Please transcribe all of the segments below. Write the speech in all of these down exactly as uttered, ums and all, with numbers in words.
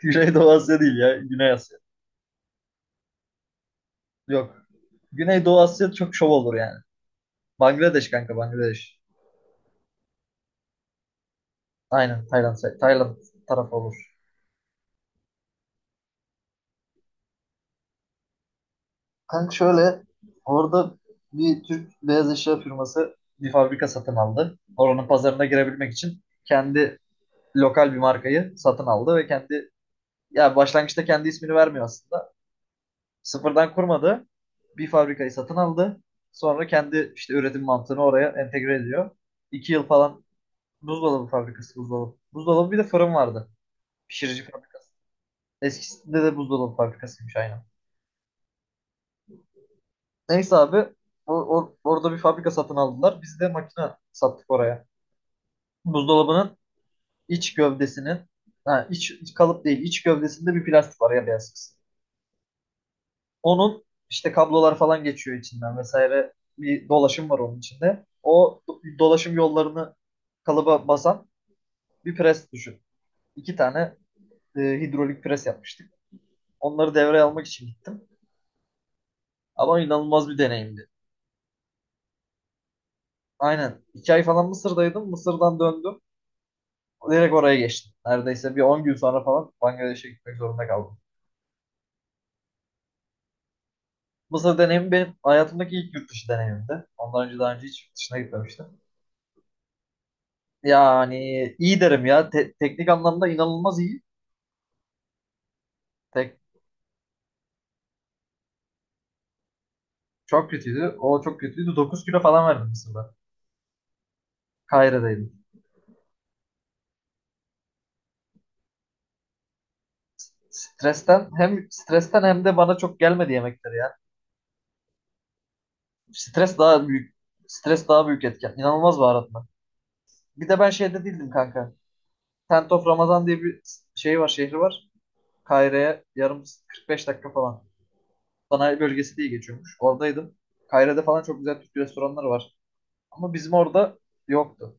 Güneydoğu Asya değil ya. Güney Asya. Yok. Güneydoğu Asya çok şov olur yani. Bangladeş kanka, Bangladeş. Aynen Tayland. Tayland tarafı olur. Kanka şöyle, orada bir Türk beyaz eşya firması bir fabrika satın aldı. Oranın pazarına girebilmek için kendi lokal bir markayı satın aldı ve kendi, ya başlangıçta kendi ismini vermiyor aslında. Sıfırdan kurmadı. Bir fabrikayı satın aldı. Sonra kendi işte üretim mantığını oraya entegre ediyor. İki yıl falan. Buzdolabı fabrikası, buzdolabı. Buzdolabı, bir de fırın vardı. Pişirici fabrikası. Eskisinde de buzdolabı fabrikasıymış aynen. Neyse abi, o, o- orada bir fabrika satın aldılar. Biz de makine sattık oraya. Buzdolabının iç gövdesinin, ha, iç, iç kalıp değil, iç gövdesinde bir plastik var ya, beyaz kısım. Onun işte kablolar falan geçiyor içinden vesaire, bir dolaşım var onun içinde. O do- dolaşım yollarını kalıba basan bir pres düşün. İki tane e, hidrolik pres yapmıştık. Onları devreye almak için gittim. Ama inanılmaz bir deneyimdi. Aynen. İki ay falan Mısır'daydım. Mısır'dan döndüm. Direkt oraya geçtim. Neredeyse bir on gün sonra falan Bangladeş'e gitmek zorunda kaldım. Mısır deneyimi benim hayatımdaki ilk yurt dışı deneyimimdi. Ondan önce daha önce hiç yurt dışına gitmemiştim. Yani iyi derim ya. Te- teknik anlamda inanılmaz iyi. Tek çok kötüydü. O çok kötüydü. Dokuz kilo falan verdim Mısır'da. Kahire'deydim. Stresten, hem stresten hem de bana çok gelmedi yemekleri ya. Stres daha büyük. Stres daha büyük etken. İnanılmaz baharat. Bir de ben şeyde değildim kanka. Tent of Ramazan diye bir şey var, şehri var. Kahire'ye yarım kırk beş dakika falan. Sanayi bölgesi diye geçiyormuş. Oradaydım. Kahire'de falan çok güzel Türk restoranları var. Ama bizim orada yoktu.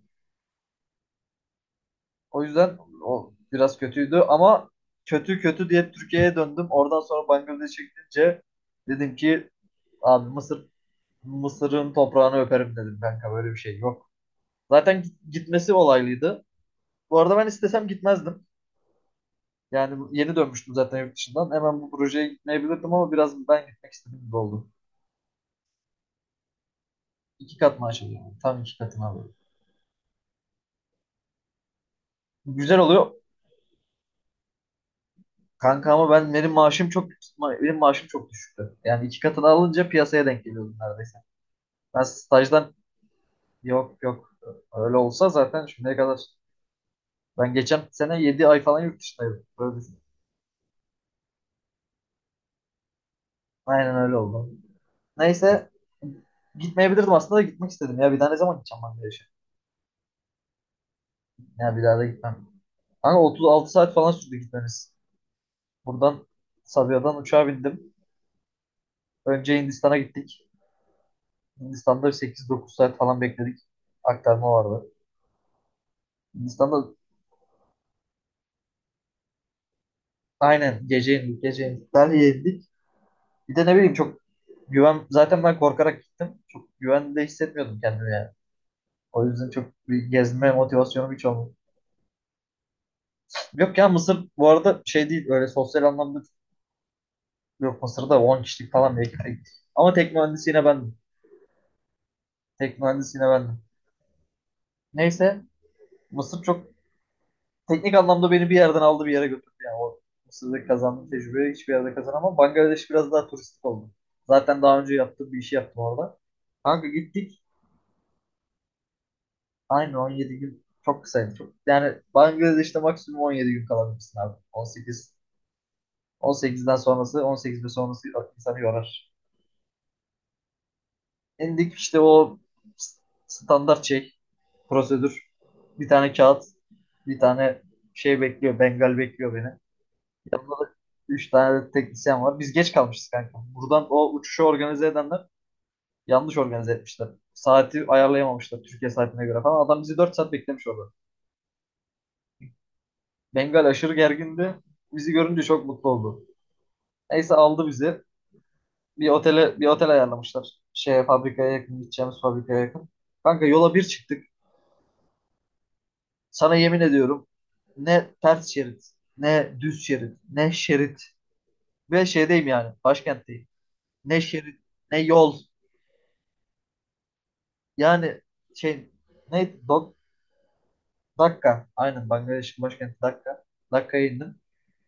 O yüzden o biraz kötüydü, ama kötü kötü diye Türkiye'ye döndüm. Oradan sonra Bangladeş'e gidince dedim ki abi Mısır Mısır'ın toprağını öperim dedim kanka, böyle bir şey yok. Zaten gitmesi olaylıydı. Bu arada ben istesem gitmezdim. Yani yeni dönmüştüm zaten yurt dışından. Hemen bu projeye gitmeyebilirdim ama biraz ben gitmek istedim gibi oldu. İki kat maaş alıyorum. Tam iki katına alıyorum. Güzel oluyor. Kanka ama ben, benim maaşım çok benim maaşım çok düşüktü. Yani iki katını alınca piyasaya denk geliyordum neredeyse. Ben stajdan, yok yok, öyle olsa zaten şimdiye kadar, ben geçen sene yedi ay falan yurt dışındaydım. Böyle düşün. Aynen öyle oldu. Neyse gitmeyebilirdim aslında da gitmek istedim ya. Bir daha ne zaman gideceğim ben de yaşa. Ya bir daha da gitmem. Kanka otuz altı saat falan sürdü gitmemiz. Buradan, Sabiha'dan uçağa bindim. Önce Hindistan'a gittik. Hindistan'da sekiz dokuz saat falan bekledik. Aktarma vardı. Hindistan'da aynen gece indik, gece indik. Delhi'ye indik. Bir de ne bileyim, çok güven... zaten ben korkarak gittim. Çok güvende hissetmiyordum kendimi yani. O yüzden çok bir gezme motivasyonum hiç olmadı. Yok ya Mısır bu arada şey değil öyle sosyal anlamda, yok Mısır'da on kişilik falan bir ekiple gittik. Ama tek mühendisi yine bendim. Tek mühendisi yine bendim. Neyse Mısır çok teknik anlamda beni bir yerden aldı bir yere götürdü. Yani o Mısır'da kazandığım tecrübeyi hiçbir yerde kazanamam. Bangladeş biraz daha turistik oldu. Zaten daha önce yaptığım bir işi yaptım orada. Kanka gittik. Aynı on yedi gün çok kısaydı. Çok, yani Bangladeş'te maksimum on yedi gün kalabilirsin abi. on sekiz, on sekizden sonrası, on sekiz ve sonrası insanı yorar. İndik işte, o standart şey, prosedür. Bir tane kağıt, bir tane şey bekliyor. Bengal bekliyor beni. Yanında da üç tane de teknisyen var. Biz geç kalmışız kanka. Buradan o uçuşu organize edenler yanlış organize etmişler. Saati ayarlayamamışlar Türkiye saatine göre falan. Adam bizi dört saat beklemiş orada. Bengal aşırı gergindi. Bizi görünce çok mutlu oldu. Neyse aldı bizi. Bir otele, bir otel ayarlamışlar. Şeye, fabrikaya yakın, gideceğimiz fabrikaya yakın. Kanka yola bir çıktık. Sana yemin ediyorum, ne ters şerit, ne düz şerit, ne şerit, ve şeydeyim yani başkentteyim. Ne şerit, ne yol. Yani şey, ne Dok- Dakka, aynen, Bangladeş'in başkenti Dakka. Dakka'ya indim.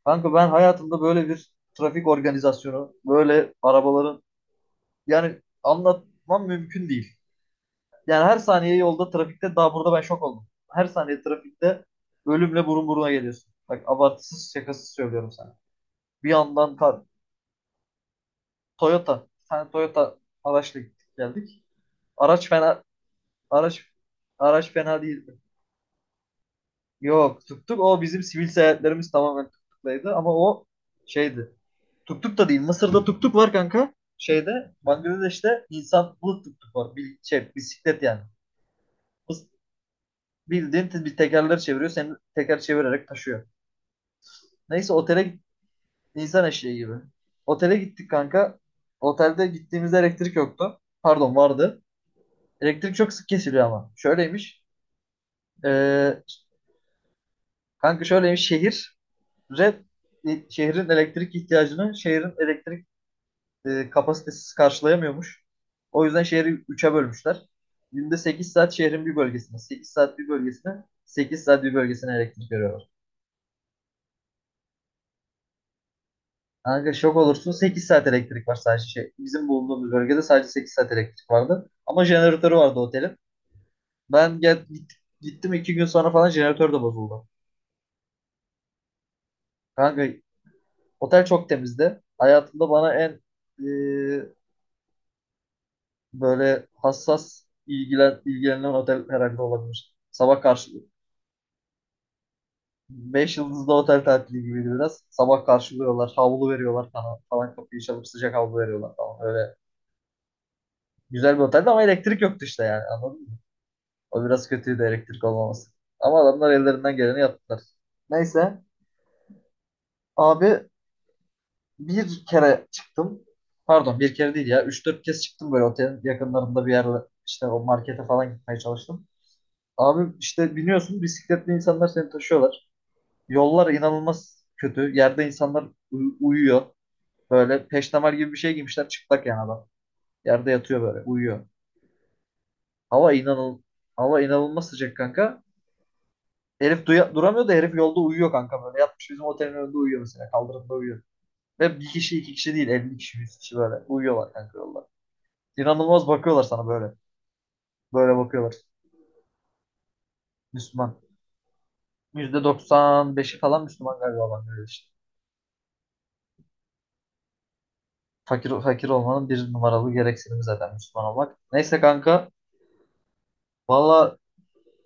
Kanka ben hayatımda böyle bir trafik organizasyonu, böyle arabaların, yani anlatmam mümkün değil. Yani her saniye yolda trafikte, daha burada ben şok oldum. Her saniye trafikte ölümle burun buruna geliyorsun. Bak abartısız, şakasız söylüyorum sana. Bir yandan ta- Toyota. Bir tane Toyota araçla gittik geldik. Araç fena araç araç fena değil. Yok, tuk tuk, o bizim sivil seyahatlerimiz tamamen tuk tuklaydı ama o şeydi. Tuk tuk da değil. Mısır'da tuk tuk var kanka. Şeyde, Bangladeş'te insanlı tuk tuk var. Bil, şey, bisiklet yani. Bıs- Bildiğin te- bir tekerler çeviriyor. Seni teker çevirerek taşıyor. Neyse otele git- insan eşeği gibi. Otele gittik kanka. Otelde gittiğimizde elektrik yoktu. Pardon, vardı. Elektrik çok sık kesiliyor ama. Şöyleymiş. Ee, kanka şöyleymiş. Şehir red şehrin elektrik ihtiyacını, şehrin elektrik e, kapasitesiz karşılayamıyormuş. O yüzden şehri üçe bölmüşler. Günde sekiz saat şehrin bir bölgesine, sekiz saat bir bölgesine, sekiz saat bir bölgesine elektrik veriyorlar. Kanka şok olursun, sekiz saat elektrik var sadece şey. Bizim bulunduğumuz bölgede sadece sekiz saat elektrik vardı. Ama jeneratörü vardı otelin. Ben gel, git- gittim, iki gün sonra falan jeneratör de bozuldu. Kanka otel çok temizdi. Hayatımda bana en e, böyle hassas ilgilen, ilgilenen otel herhalde olabilir. Sabah karşı Beş yıldızlı otel tatili gibiydi biraz. Sabah karşılıyorlar, havlu veriyorlar falan, falan kapıyı çalıp sıcak havlu veriyorlar falan. Öyle güzel bir oteldi ama elektrik yoktu işte, yani anladın mı? O biraz kötüydü, elektrik olmaması. Ama adamlar ellerinden geleni yaptılar. Neyse abi, bir kere çıktım. Pardon, bir kere değil ya. Üç dört kez çıktım, böyle otelin yakınlarında bir yerle işte, o markete falan gitmeye çalıştım. Abi işte biniyorsun, bisikletli insanlar seni taşıyorlar. Yollar inanılmaz kötü. Yerde insanlar uy- uyuyor. Böyle peştemal gibi bir şey giymişler, çıplak yani adam. Yerde yatıyor böyle, uyuyor. Hava inanıl hava inanılmaz sıcak kanka. Herif duya- duramıyor da herif yolda uyuyor kanka böyle. Yatmış bizim otelin önünde uyuyor mesela. Kaldırımda uyuyor. Ve bir kişi iki kişi değil, elli kişi yüz kişi böyle uyuyorlar kanka yolda. İnanılmaz bakıyorlar sana böyle. Böyle bakıyorlar. Müslüman. yüzde doksan beşi falan Müslüman galiba adam, böyle işte. Fakir, fakir olmanın bir numaralı gereksinimi zaten Müslüman olmak. Neyse kanka. Valla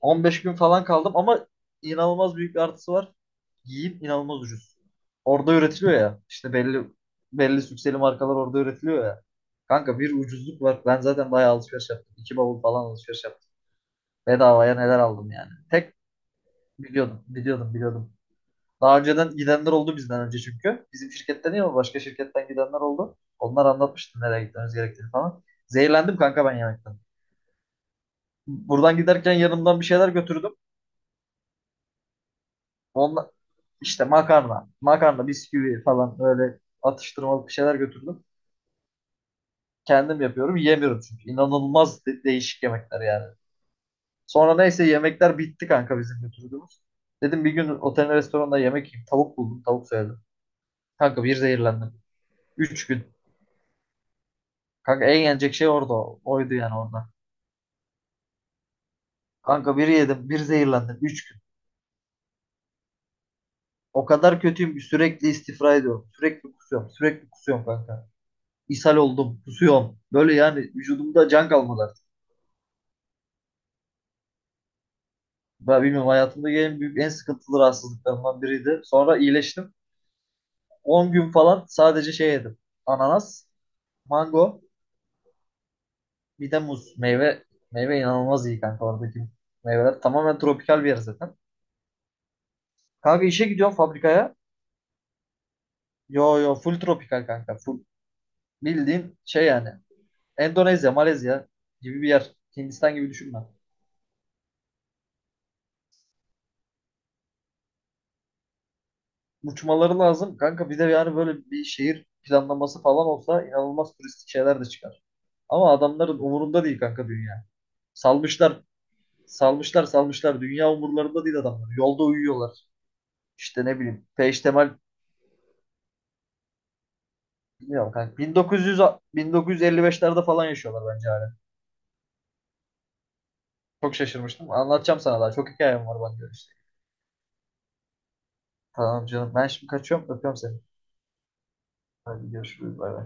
on beş gün falan kaldım ama inanılmaz büyük bir artısı var. Giyim inanılmaz ucuz. Orada üretiliyor ya. İşte belli, belli sükseli markalar orada üretiliyor ya. Kanka bir ucuzluk var. Ben zaten bayağı alışveriş yaptım. İki bavul falan alışveriş yaptım. Bedavaya neler aldım yani. Tek biliyordum, biliyordum, biliyordum. Daha önceden gidenler oldu bizden önce çünkü. Bizim şirketten değil ama başka şirketten gidenler oldu. Onlar anlatmıştı nereye gitmemiz gerektiğini falan. Zehirlendim kanka ben yemekten. Buradan giderken yanımdan bir şeyler götürdüm. onla İşte makarna, makarna, bisküvi falan, böyle atıştırmalık bir şeyler götürdüm. Kendim yapıyorum, yemiyorum çünkü. İnanılmaz de- değişik yemekler yani. Sonra neyse yemekler bitti kanka, bizim götürdüğümüz. Dedim bir gün otelin restoranda yemek yiyeyim. Tavuk buldum, tavuk söyledim. Kanka bir zehirlendim. Üç gün. Kanka en yenecek şey orada oydu yani orada. Kanka bir yedim, bir zehirlendim. Üç gün. O kadar kötüyüm ki sürekli istifra ediyorum. Sürekli kusuyorum, sürekli kusuyorum kanka. İshal oldum, kusuyorum. Böyle yani vücudumda can kalmadı. Ben bilmiyorum hayatımda en büyük, en sıkıntılı rahatsızlıklarımdan biriydi. Sonra iyileştim. On gün falan sadece şey yedim. Ananas, mango, bir de muz. Meyve, meyve inanılmaz iyi kanka, oradaki meyveler. Tamamen tropikal bir yer zaten. Kanka işe gidiyorum fabrikaya. Yo yo, full tropikal kanka. Full. Bildiğin şey yani. Endonezya, Malezya gibi bir yer. Hindistan gibi düşünme. Uçmaları lazım. Kanka bir de yani böyle bir şehir planlaması falan olsa inanılmaz turistik şeyler de çıkar. Ama adamların umurunda değil kanka dünya. Salmışlar, salmışlar, salmışlar. Dünya umurlarında değil adamlar. Yolda uyuyorlar. İşte ne bileyim. Peştemal bilmiyorum kanka. bin dokuz yüz, a- bin dokuz yüz elli beşlerde falan yaşıyorlar bence hala. Çok şaşırmıştım. Anlatacağım sana daha. Çok hikayem var bana göre işte. Tamam canım. Ben şimdi kaçıyorum. Öpüyorum seni. Hadi görüşürüz. Bay bay.